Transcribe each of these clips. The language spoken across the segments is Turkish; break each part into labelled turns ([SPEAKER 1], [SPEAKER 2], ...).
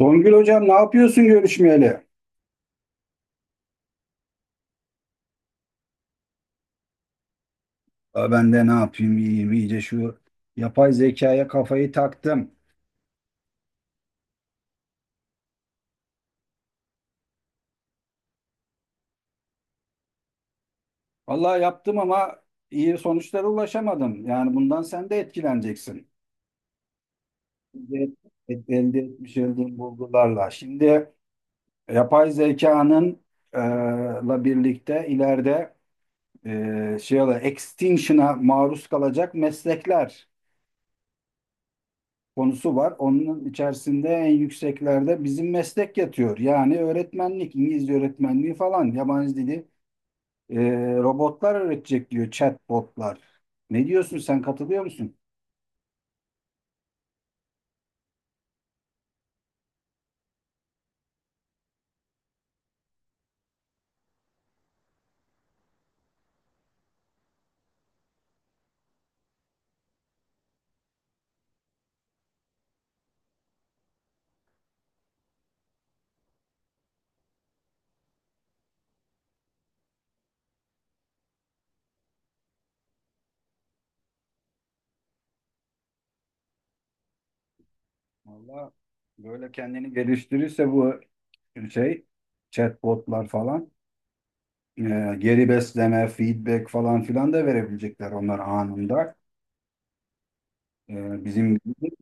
[SPEAKER 1] Songül hocam ne yapıyorsun görüşmeyeli? Ben de ne yapayım iyiyim iyice şu yapay zekaya kafayı taktım. Vallahi yaptım ama iyi sonuçlara ulaşamadım. Yani bundan sen de etkileneceksin. Elde, Elde etmiş olduğum bulgularla. Şimdi yapay zekanın e, la birlikte ileride extinction'a maruz kalacak meslekler konusu var. Onun içerisinde en yükseklerde bizim meslek yatıyor. Yani öğretmenlik, İngilizce öğretmenliği falan, yabancı dili e, robotlar öğretecek diyor chatbotlar. Ne diyorsun sen katılıyor musun? Valla böyle kendini geliştirirse bu şey chatbotlar falan e, geri besleme, feedback falan filan da verebilecekler onlar anında. E, bizim gibi.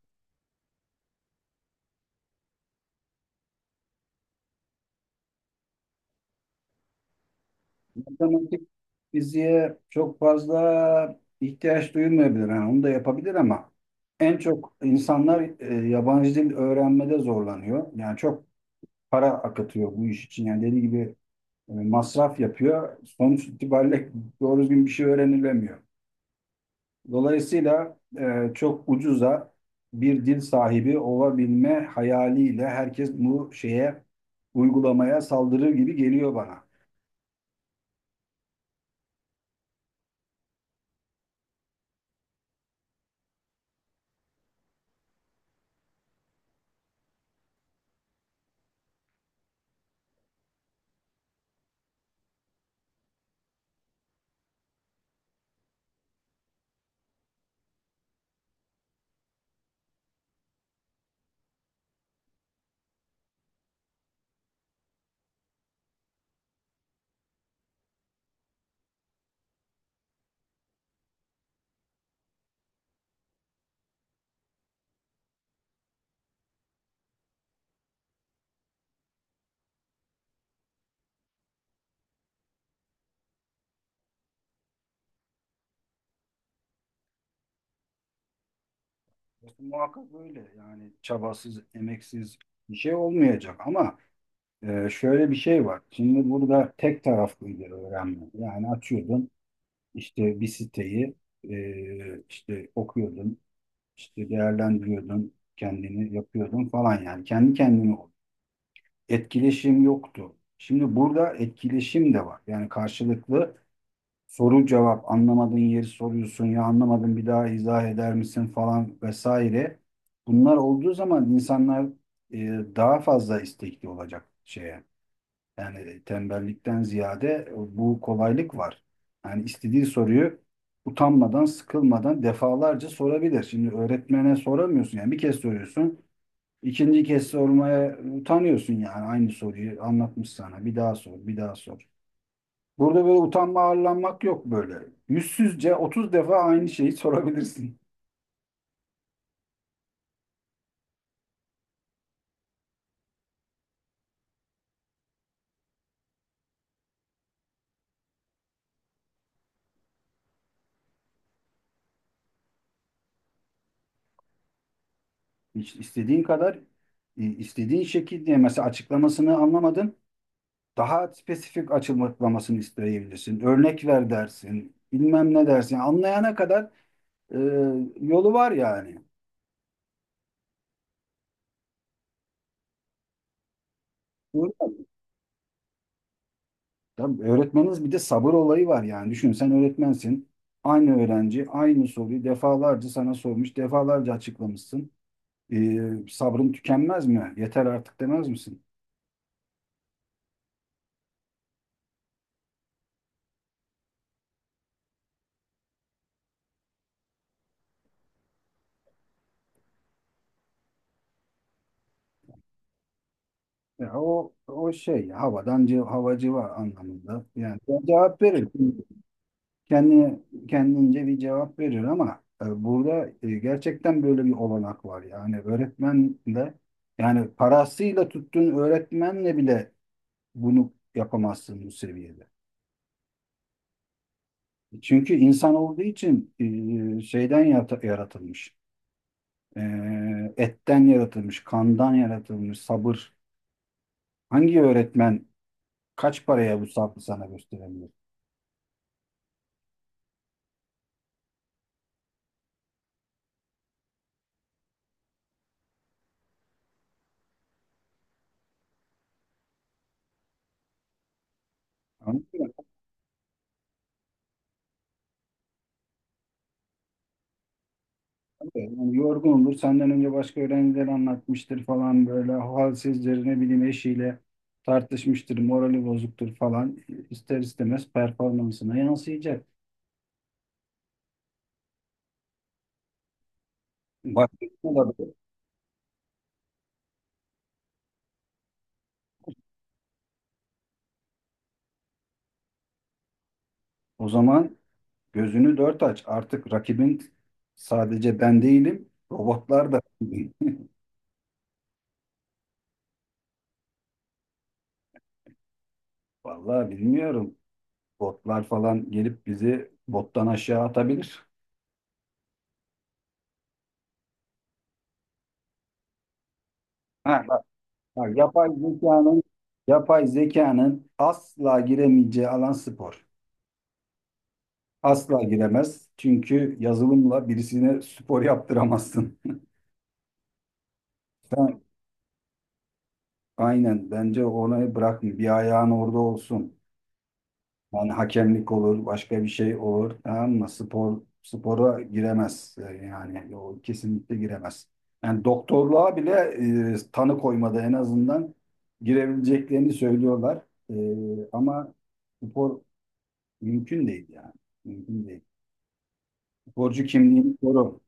[SPEAKER 1] Matematik fiziğe çok fazla ihtiyaç duyulmayabilir. Yani onu da yapabilir ama en çok insanlar yabancı dil öğrenmede zorlanıyor. Yani çok para akıtıyor bu iş için. Yani dediği gibi masraf yapıyor. Sonuç itibariyle doğru düzgün bir şey öğrenilemiyor. Dolayısıyla çok ucuza bir dil sahibi olabilme hayaliyle herkes bu şeye uygulamaya saldırır gibi geliyor bana. Muhakkak öyle. Yani çabasız, emeksiz bir şey olmayacak ama şöyle bir şey var. Şimdi burada tek taraflıydı öğrenme. Yani açıyordun işte bir siteyi, işte okuyordun, işte değerlendiriyordun, kendini yapıyordun falan yani. Kendi kendine ol. Etkileşim yoktu. Şimdi burada etkileşim de var. Yani karşılıklı soru cevap, anlamadığın yeri soruyorsun, ya anlamadın bir daha izah eder misin falan vesaire. Bunlar olduğu zaman insanlar e, daha fazla istekli olacak şeye. Yani tembellikten ziyade bu kolaylık var. Yani istediği soruyu utanmadan, sıkılmadan defalarca sorabilir. Şimdi öğretmene soramıyorsun, yani bir kez soruyorsun. İkinci kez sormaya utanıyorsun, yani aynı soruyu anlatmış sana. Bir daha sor, bir daha sor. Burada böyle utanma arlanmak yok böyle. Yüzsüzce 30 defa aynı şeyi sorabilirsin. Hiç istediğin kadar, istediğin şekilde mesela açıklamasını anlamadın. Daha spesifik açıklamasını isteyebilirsin. Örnek ver dersin. Bilmem ne dersin. Yani anlayana kadar e, yolu var yani. Doğru mu? Tabii öğretmeniniz, bir de sabır olayı var yani. Düşün sen öğretmensin. Aynı öğrenci aynı soruyu defalarca sana sormuş, defalarca açıklamışsın. Sabrım tükenmez mi? Yeter artık demez misin? Ya o şey havadan havacı var anlamında. Yani ben cevap verir. Kendi kendince bir cevap verir ama burada gerçekten böyle bir olanak var. Yani öğretmenle, yani parasıyla tuttuğun öğretmenle bile bunu yapamazsın bu seviyede. Çünkü insan olduğu için yaratılmış. E, Etten yaratılmış, kandan yaratılmış, sabır. Hangi öğretmen kaç paraya bu sabrı sana gösterebilir? Anladın mı? Yani yorgun olur, senden önce başka öğrenciler anlatmıştır falan, böyle halsizdir, ne bileyim eşiyle tartışmıştır, morali bozuktur falan. İster istemez performansına yansıyacak. Bak, olabilir. O zaman gözünü dört aç. Artık rakibin sadece ben değilim, robotlar da. Vallahi bilmiyorum. Botlar falan gelip bizi bottan aşağı atabilir. Ha, Bak, yapay zekanın asla giremeyeceği alan spor. Asla giremez. Çünkü yazılımla birisine spor yaptıramazsın. Sen, aynen bence onu bırakın. Bir ayağın orada olsun. Yani hakemlik olur, başka bir şey olur. Tamam mı? Spor spora giremez. Yani o kesinlikle giremez. Yani doktorluğa bile tanı koymada en azından girebileceklerini söylüyorlar. Ama spor mümkün değil yani. Mümkün değil. Sporcu kimliğini koru.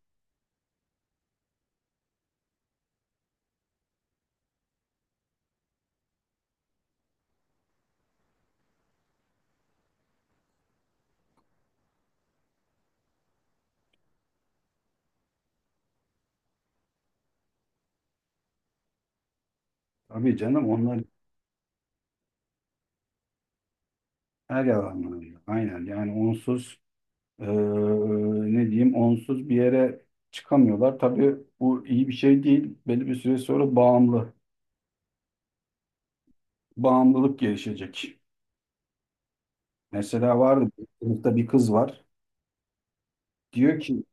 [SPEAKER 1] Tabii canım onlar her yalanlarında. Aynen yani onsuz eee, ne diyeyim onsuz bir yere çıkamıyorlar. Tabii bu iyi bir şey değil. Belli bir süre sonra bağımlı. Bağımlılık gelişecek. Mesela vardı bir sınıfta bir kız var. Diyor ki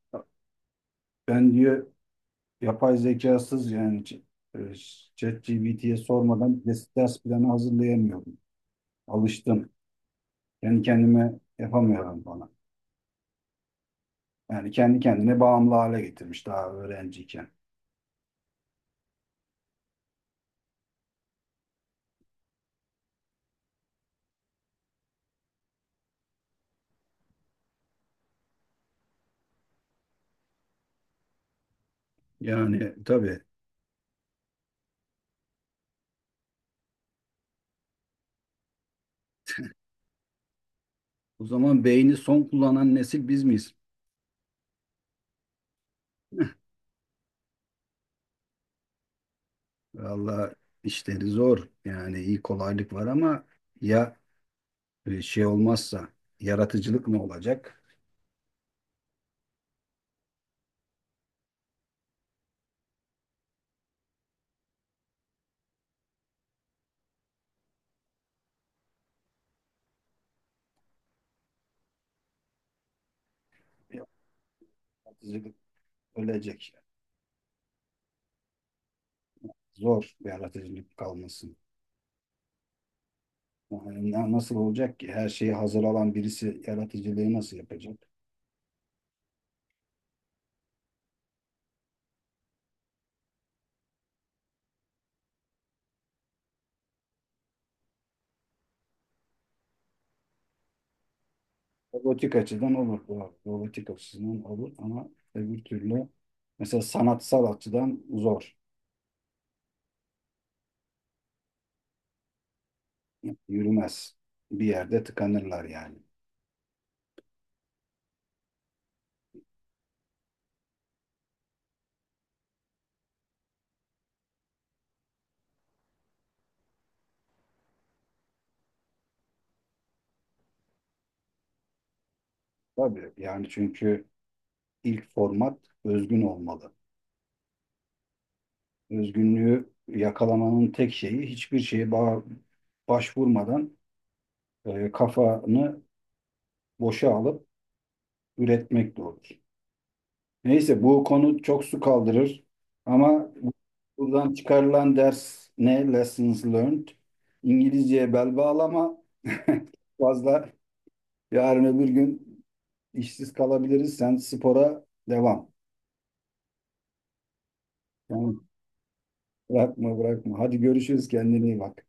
[SPEAKER 1] ben diyor yapay zekasız yani e, ChatGPT'ye sormadan ders planı hazırlayamıyorum. Alıştım. Kendi kendime yapamıyorum bana. Yani kendi kendine bağımlı hale getirmiş daha öğrenciyken. Yani tabii, o zaman beyni son kullanan nesil biz miyiz? Valla işleri zor. Yani iyi, kolaylık var ama ya e, şey olmazsa yaratıcılık ne olacak? Yaratıcılık ölecek. Zor, yaratıcılık kalmasın. Yani nasıl olacak ki? Her şeyi hazır alan birisi yaratıcılığı nasıl yapacak? Robotik açıdan olur. Doğru. Robotik açısından olur ama öbür türlü mesela sanatsal açıdan zor. Yürümez. Bir yerde tıkanırlar yani. Tabii yani çünkü ilk format özgün olmalı. Özgünlüğü yakalamanın tek şeyi hiçbir şeye başvurmadan kafanı boşa alıp üretmek olur. Neyse bu konu çok su kaldırır ama buradan çıkarılan ders ne? Lessons learned. İngilizceye bel bağlama. Fazla, yarın öbür gün işsiz kalabiliriz. Sen spora devam. Yani bırakma. Hadi görüşürüz, kendine iyi bak.